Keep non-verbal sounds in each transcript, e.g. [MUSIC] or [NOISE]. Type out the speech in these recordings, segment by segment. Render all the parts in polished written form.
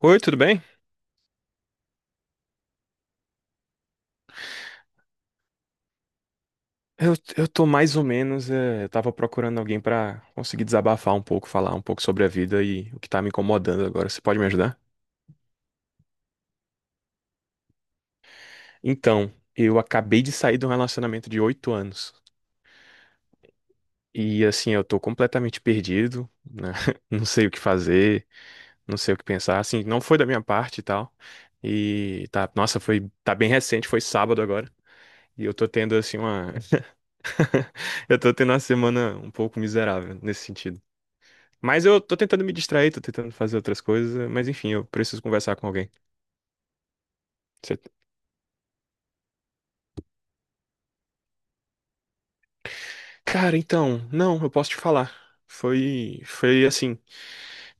Oi, tudo bem? Eu tô mais ou menos. Eu tava procurando alguém pra conseguir desabafar um pouco, falar um pouco sobre a vida e o que tá me incomodando agora. Você pode me ajudar? Então, eu acabei de sair de um relacionamento de 8 anos. E assim, eu tô completamente perdido, né? [LAUGHS] Não sei o que fazer, não sei o que pensar. Assim, não foi da minha parte e tal. E tá, nossa, foi, tá bem recente, foi sábado agora. E eu tô tendo assim uma. [LAUGHS] Eu tô tendo uma semana um pouco miserável nesse sentido. Mas eu tô tentando me distrair, tô tentando fazer outras coisas, mas enfim, eu preciso conversar com alguém. Você- Cara, então, não, eu posso te falar. Foi assim,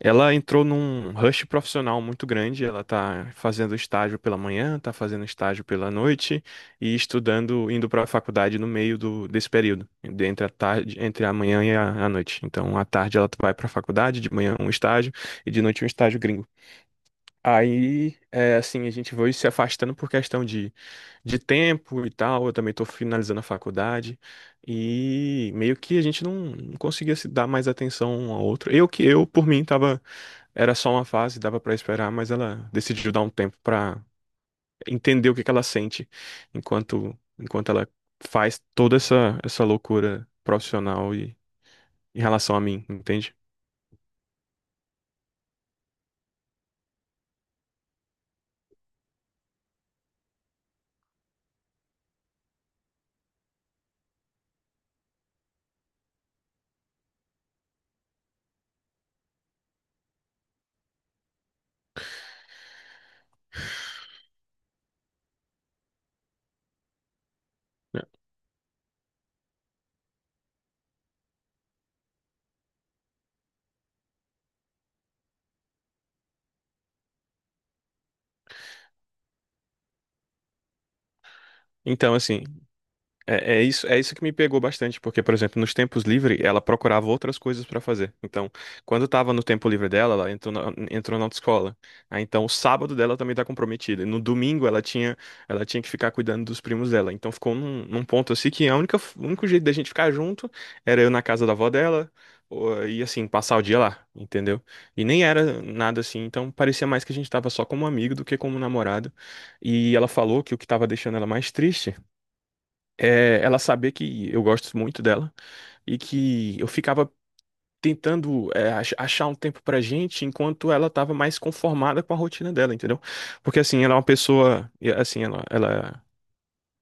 ela entrou num rush profissional muito grande, ela tá fazendo estágio pela manhã, tá fazendo estágio pela noite e estudando, indo pra faculdade no meio desse período, entre a tarde, entre a manhã e a noite. Então, à tarde ela vai pra faculdade, de manhã um estágio e de noite um estágio gringo. Aí, é, assim, a gente foi se afastando por questão de tempo e tal. Eu também tô finalizando a faculdade. E meio que a gente não conseguia se dar mais atenção um ao outro. Eu que eu, por mim, tava, era só uma fase, dava pra esperar, mas ela decidiu dar um tempo pra entender o que que ela sente enquanto ela faz toda essa loucura profissional e em relação a mim, entende? Né? Então, assim, É isso, é isso que me pegou bastante, porque, por exemplo, nos tempos livres, ela procurava outras coisas para fazer. Então, quando estava no tempo livre dela, ela entrou na autoescola. Aí, então, o sábado dela também tá comprometida. E no domingo, ela tinha que ficar cuidando dos primos dela. Então, ficou num ponto assim que a única, o único jeito da gente ficar junto era eu na casa da avó dela, e assim, passar o dia lá, entendeu? E nem era nada assim, então parecia mais que a gente tava só como amigo do que como namorado. E ela falou que o que tava deixando ela mais triste ela saber que eu gosto muito dela e que eu ficava tentando achar um tempo pra gente enquanto ela tava mais conformada com a rotina dela, entendeu? Porque assim, ela é uma pessoa, e, assim, ela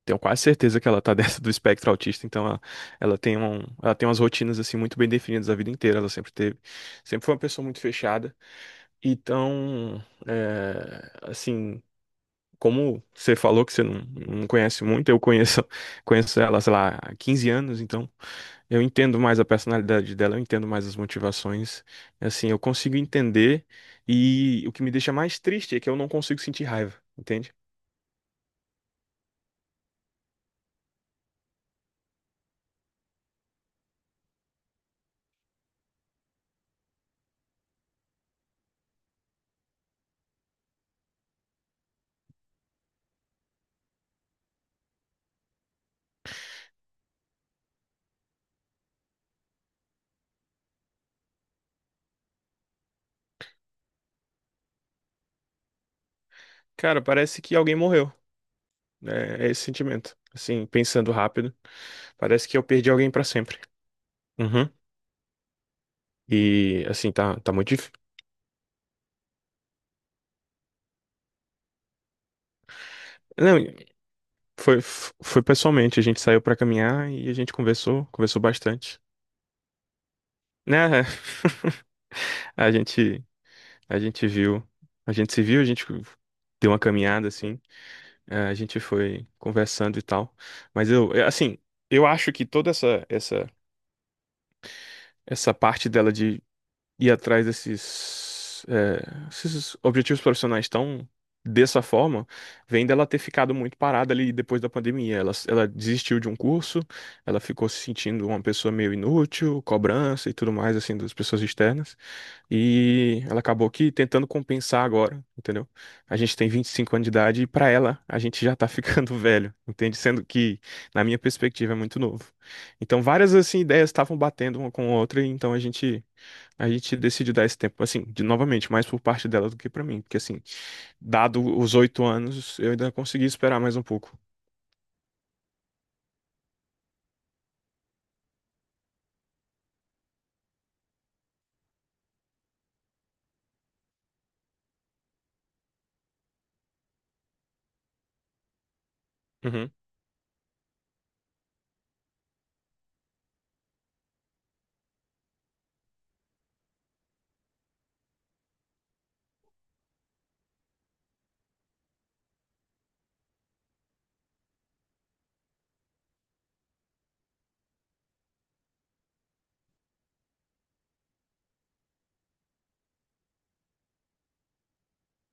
tenho quase certeza que ela tá [LAUGHS] dentro do espectro autista, então ela tem umas rotinas assim muito bem definidas a vida inteira, ela sempre teve, sempre foi uma pessoa muito fechada. Então, assim, como você falou que você não conhece muito, eu conheço, [LAUGHS] conheço ela, sei lá, há 15 anos, então eu entendo mais a personalidade dela, eu entendo mais as motivações, assim, eu consigo entender e o que me deixa mais triste é que eu não consigo sentir raiva, entende? Cara, parece que alguém morreu, né? É esse sentimento, assim, pensando rápido, parece que eu perdi alguém pra sempre. Uhum. E, assim, tá muito difícil. Não, foi pessoalmente, a gente saiu pra caminhar e a gente conversou, conversou bastante. Né? [LAUGHS] A gente, a gente viu, a gente se viu, a gente deu uma caminhada assim, a gente foi conversando e tal. Mas eu, assim, eu acho que toda essa parte dela de ir atrás esses objetivos profissionais tão dessa forma, vem dela ter ficado muito parada ali depois da pandemia. Ela desistiu de um curso, ela ficou se sentindo uma pessoa meio inútil, cobrança e tudo mais assim das pessoas externas. E ela acabou aqui tentando compensar agora, entendeu? A gente tem 25 anos de idade e pra ela a gente já tá [LAUGHS] ficando velho, entende? Sendo que, na minha perspectiva, é muito novo. Então várias assim ideias estavam batendo uma com a outra, e então a gente decidiu dar esse tempo, assim, de novamente, mais por parte dela do que pra mim, porque assim, dado os 8 anos, eu ainda consegui esperar mais um pouco. Uhum,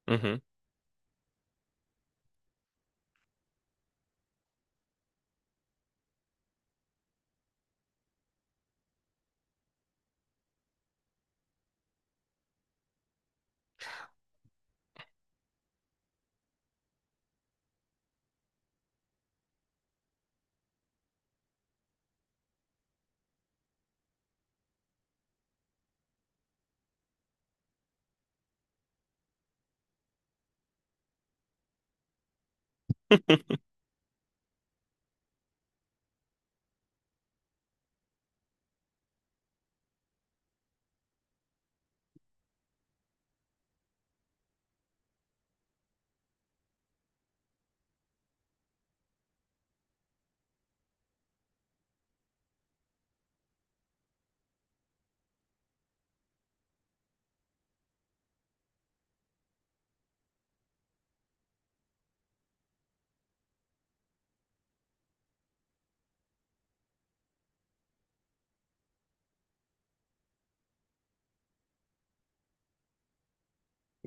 uhum,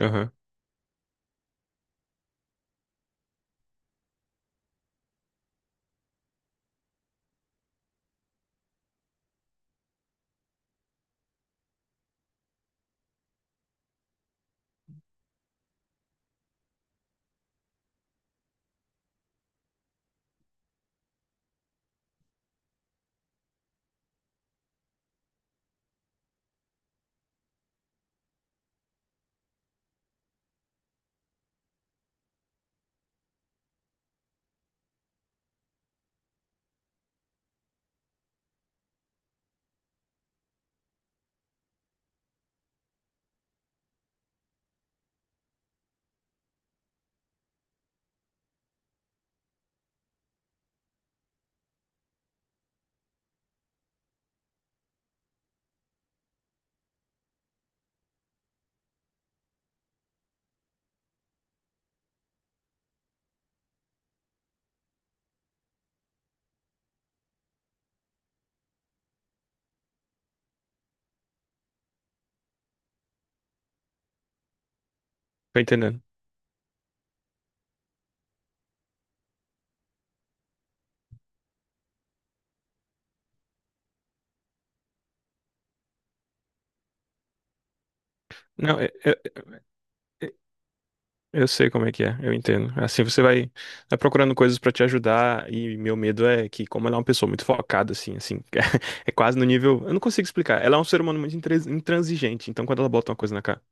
aham. Tô entendendo. Não, eu sei como é que é, eu entendo. Assim você vai procurando coisas pra te ajudar e meu medo é que como ela é uma pessoa muito focada assim, assim, [LAUGHS] é quase no nível, eu não consigo explicar. Ela é um ser humano muito intransigente, então quando ela bota uma coisa na cara,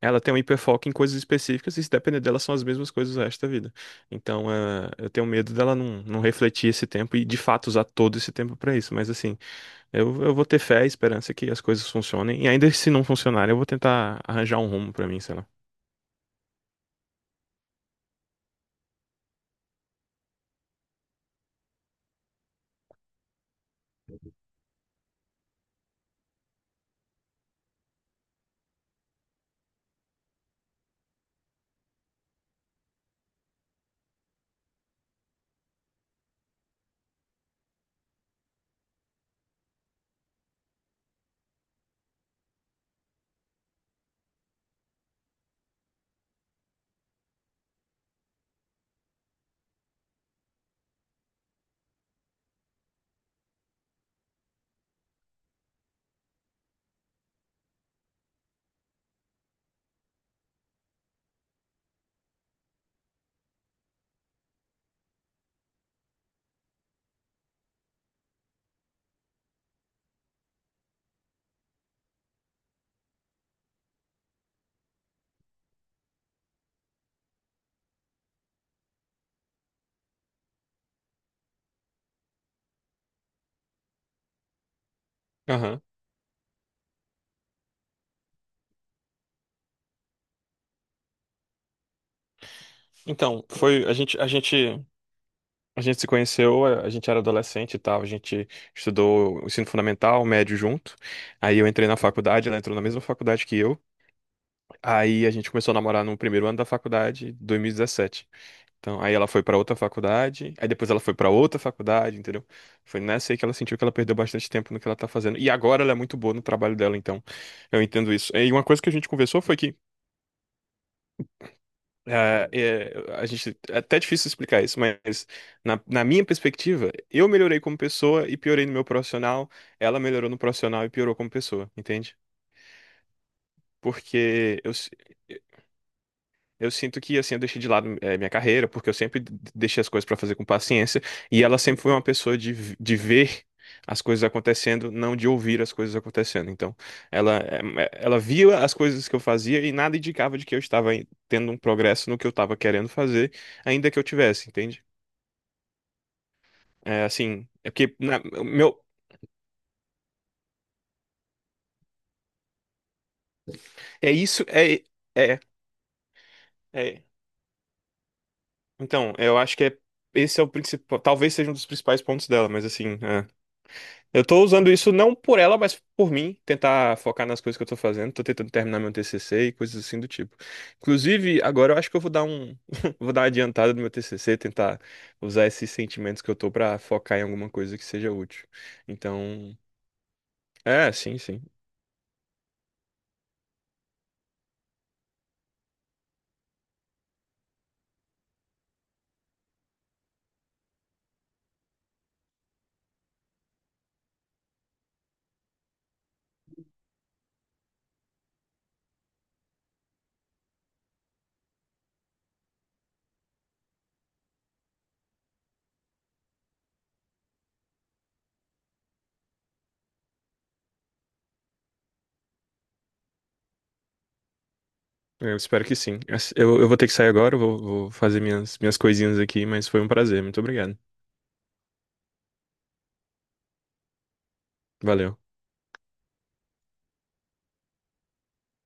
ela tem um hiperfoco em coisas específicas e se depender dela são as mesmas coisas o resto da vida. Então, eu tenho medo dela não refletir esse tempo e de fato usar todo esse tempo pra isso, mas assim, eu vou ter fé e esperança que as coisas funcionem e ainda se não funcionarem, eu vou tentar arranjar um rumo pra mim, sei lá. Então, foi a gente a gente a gente se conheceu, a gente era adolescente e tal, a gente estudou o ensino fundamental, o médio junto. Aí eu entrei na faculdade, ela entrou na mesma faculdade que eu. Aí a gente começou a namorar no primeiro ano da faculdade, 2017. Então, aí ela foi pra outra faculdade, aí depois ela foi pra outra faculdade, entendeu? Foi nessa aí que ela sentiu que ela perdeu bastante tempo no que ela tá fazendo. E agora ela é muito boa no trabalho dela, então eu entendo isso. E uma coisa que a gente conversou foi que ah, é até difícil explicar isso, mas na minha perspectiva, eu melhorei como pessoa e piorei no meu profissional, ela melhorou no profissional e piorou como pessoa, entende? Porque eu sinto que, assim, eu deixei de lado minha carreira, porque eu sempre deixei as coisas pra fazer com paciência, e ela sempre foi uma pessoa de ver as coisas acontecendo, não de ouvir as coisas acontecendo. Então, ela via as coisas que eu fazia e nada indicava de que eu estava tendo um progresso no que eu estava querendo fazer, ainda que eu tivesse, entende? É, assim, é porque, meu, é isso, é, é. Então, eu acho que esse é o principal, talvez seja um dos principais pontos dela, mas assim. Eu tô usando isso não por ela, mas por mim, tentar focar nas coisas que eu tô fazendo. Tô tentando terminar meu TCC e coisas assim do tipo. Inclusive, agora eu acho que eu vou dar um, [LAUGHS] vou dar uma adiantada no meu TCC, tentar usar esses sentimentos que eu tô pra focar em alguma coisa que seja útil. Então, sim, sim. Eu espero que sim. Eu vou ter que sair agora, eu vou fazer minhas coisinhas aqui, mas foi um prazer. Muito obrigado. Valeu.